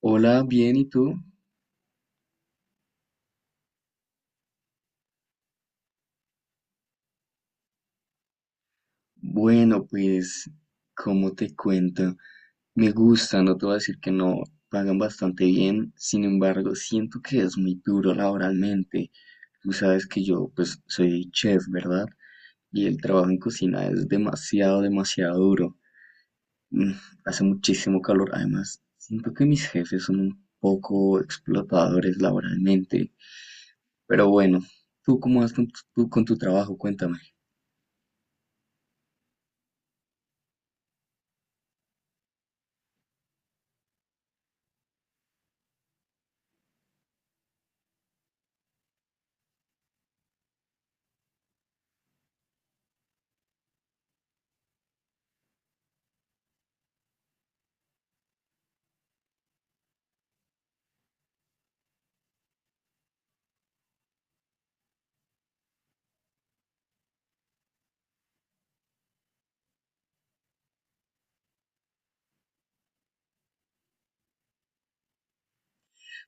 Hola, bien, ¿y tú? Bueno, pues, ¿como te cuento? Me gusta, no te voy a decir que no, pagan bastante bien, sin embargo, siento que es muy duro laboralmente. Tú sabes que yo, pues, soy chef, ¿verdad? Y el trabajo en cocina es demasiado, demasiado duro. Mm, Hace muchísimo calor, además, siento que mis jefes son un poco explotadores laboralmente. Pero bueno, ¿tú cómo vas con tu, tú con tu trabajo? Cuéntame.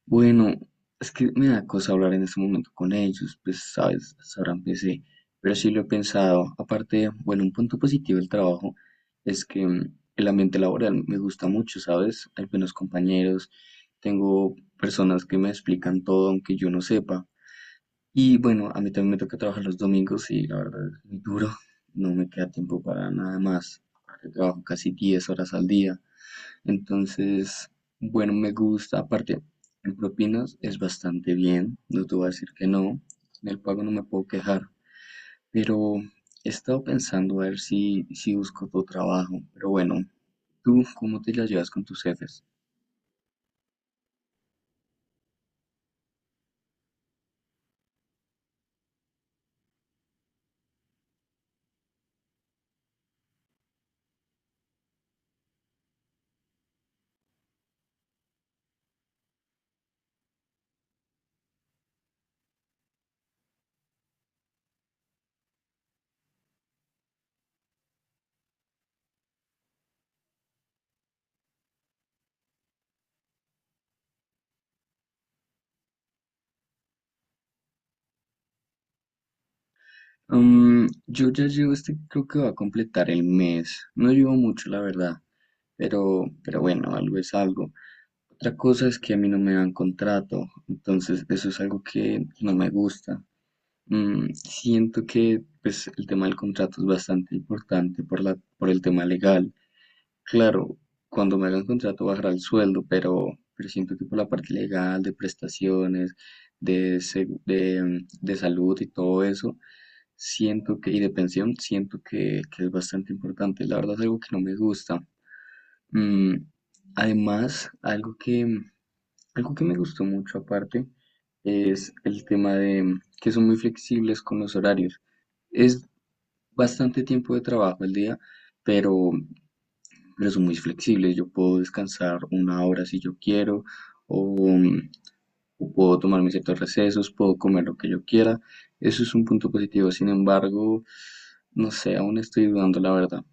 Bueno, es que me da cosa hablar en este momento con ellos, pues sabes, sabrán ahora empecé, pero sí lo he pensado. Aparte, bueno, un punto positivo del trabajo es que el ambiente laboral me gusta mucho, ¿sabes? Hay buenos compañeros, tengo personas que me explican todo aunque yo no sepa. Y bueno, a mí también me toca trabajar los domingos y la verdad es muy duro, no me queda tiempo para nada más. Aparte, trabajo casi 10 horas al día. Entonces, bueno, me gusta. Aparte, en propinas es bastante bien, no te voy a decir que no. En el pago no me puedo quejar. Pero he estado pensando a ver si busco otro trabajo. Pero bueno, ¿tú cómo te la llevas con tus jefes? Mm, yo ya llevo este, creo que va a completar el mes. No llevo mucho, la verdad. Pero bueno, algo es algo. Otra cosa es que a mí no me dan contrato. Entonces, eso es algo que no me gusta. Siento que pues, el tema del contrato es bastante importante por por el tema legal. Claro, cuando me hagan contrato bajará el sueldo, pero siento que por la parte legal, de prestaciones, de, segu- de, de salud y todo eso, siento que, y de pensión, siento que es bastante importante. La verdad es algo que no me gusta. Mm, Además, algo que me gustó mucho aparte es el tema de que son muy flexibles con los horarios. Es bastante tiempo de trabajo al día, pero, pero son muy flexibles. Yo puedo descansar una hora si yo quiero, o, mm, o puedo tomarme ciertos recesos, puedo comer lo que yo quiera. Eso es un punto positivo. Sin embargo, no sé, aún estoy dudando, la verdad.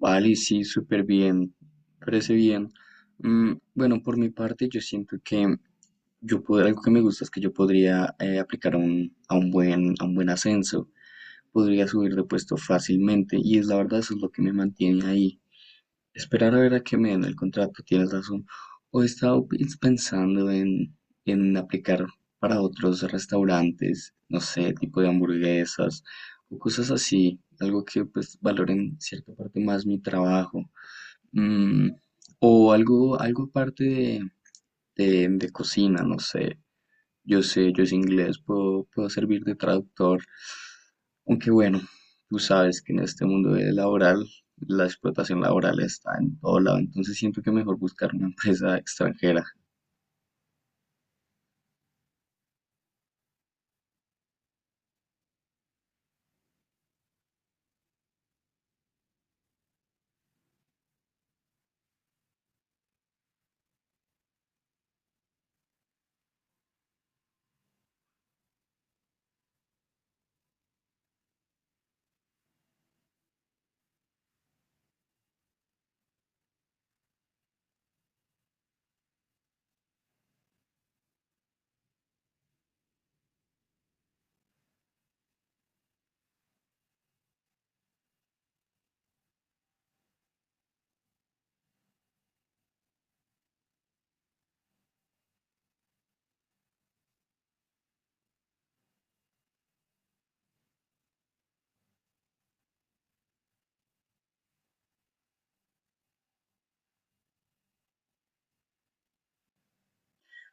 Vale, sí, súper bien. Parece bien. Bueno, por mi parte, yo siento que yo pod- algo que me gusta es que yo podría aplicar a un buen ascenso. Podría subir de puesto fácilmente y es la verdad, eso es lo que me mantiene ahí. Esperar a ver a que me den el contrato, tienes razón. O he estado pensando en aplicar para otros restaurantes, no sé, tipo de hamburguesas o cosas así, algo que pues valoren cierta parte más mi trabajo. Mm, o algo aparte de, de cocina, no sé, yo sé, yo sé inglés, puedo servir de traductor, aunque bueno, tú sabes que en este mundo de laboral la explotación laboral está en todo lado, entonces siento que mejor buscar una empresa extranjera.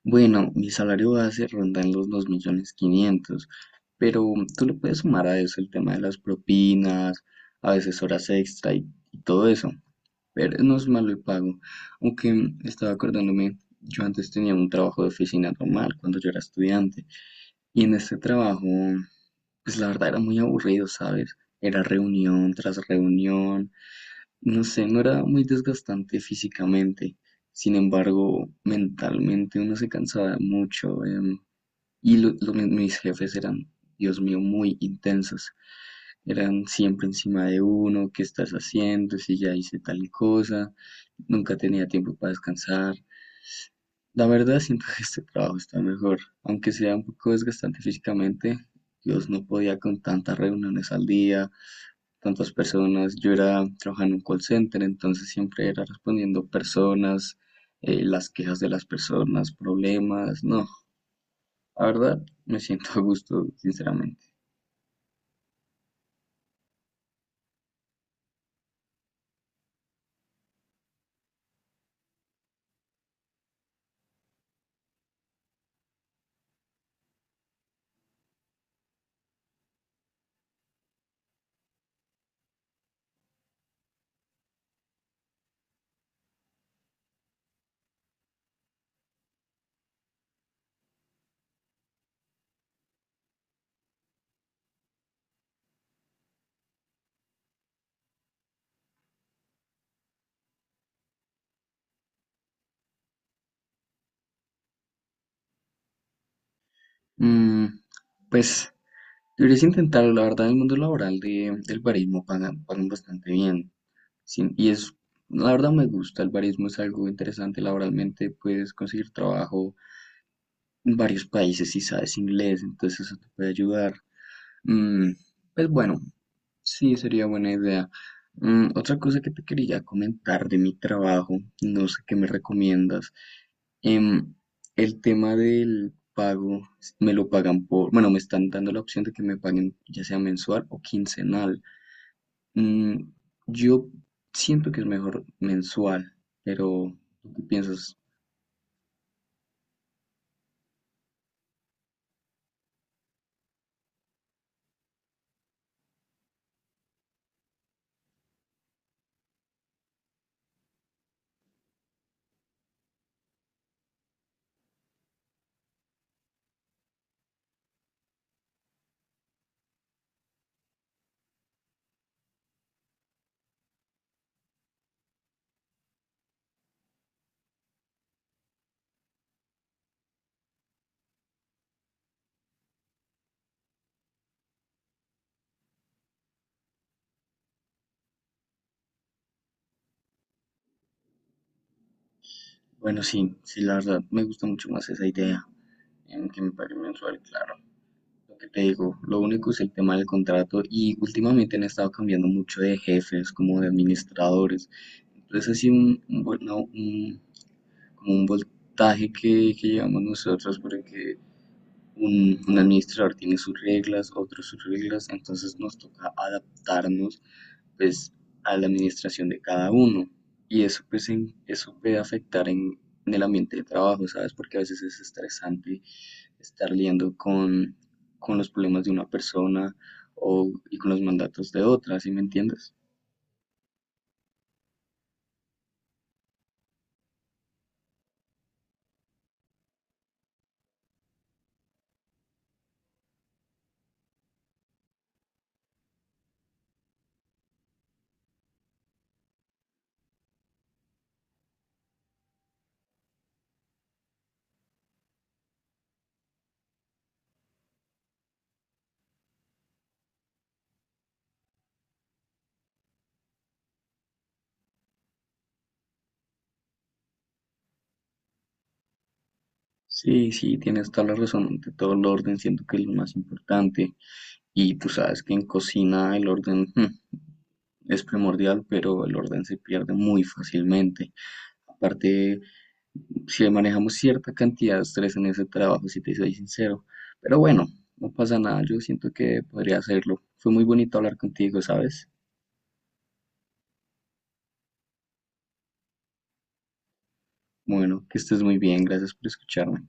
Bueno, mi salario base ronda en los 2.500.000, pero tú le puedes sumar a eso el tema de las propinas, a veces horas extra y todo eso, pero no es malo el pago, aunque estaba acordándome, yo antes tenía un trabajo de oficina normal cuando yo era estudiante. Y en este trabajo, pues la verdad era muy aburrido, ¿sabes? Era reunión tras reunión, no sé, no era muy desgastante físicamente, sin embargo, mentalmente uno se cansaba mucho, y mis jefes eran, Dios mío, muy intensos, eran siempre encima de uno, ¿qué estás haciendo? Si ya hice tal cosa, nunca tenía tiempo para descansar, la verdad siento que este trabajo está mejor, aunque sea un poco desgastante físicamente. Dios, no podía con tantas reuniones al día, tantas personas. Yo era trabajando en un call center, entonces siempre era respondiendo personas, las quejas de las personas, problemas. No, la verdad me siento a gusto, sinceramente. Mm, pues deberías intentarlo, la verdad, en el mundo laboral del barismo pagan bastante bien. Sin- y es, la verdad me gusta, el barismo es algo interesante laboralmente, puedes conseguir trabajo en varios países si sabes inglés, entonces eso te puede ayudar. Mm, pues bueno, sí, sería buena idea. Mm, otra cosa que te quería comentar de mi trabajo, no sé qué me recomiendas. Em, el tema del pago, me lo pagan por, bueno, me están dando la opción de que me paguen ya sea mensual o quincenal. Mm, yo siento que es mejor mensual, pero ¿tú qué piensas? Bueno, sí, la verdad me gusta mucho más esa idea, en que me pague mensual, claro. Lo que te digo, lo único es el tema del contrato y últimamente han estado cambiando mucho de jefes, como de administradores. Entonces así un vol- no, un- como un voltaje que llevamos nosotros porque un administrador tiene sus reglas, otros sus reglas, entonces nos toca adaptarnos pues a la administración de cada uno. Y eso pues en- eso puede afectar en el ambiente de trabajo, ¿sabes? Porque a veces es estresante estar lidiando con los problemas de una persona y con los mandatos de otra, ¿sí me entiendes? Sí, tienes toda la razón, ante todo el orden siento que es lo más importante. Y tú sabes que en cocina el orden, es primordial, pero el orden se pierde muy fácilmente. Aparte, si manejamos cierta cantidad de estrés en ese trabajo, si te soy sincero. Pero bueno, no pasa nada, yo siento que podría hacerlo. Fue muy bonito hablar contigo, ¿sabes? Bueno, que estés muy bien, gracias por escucharme.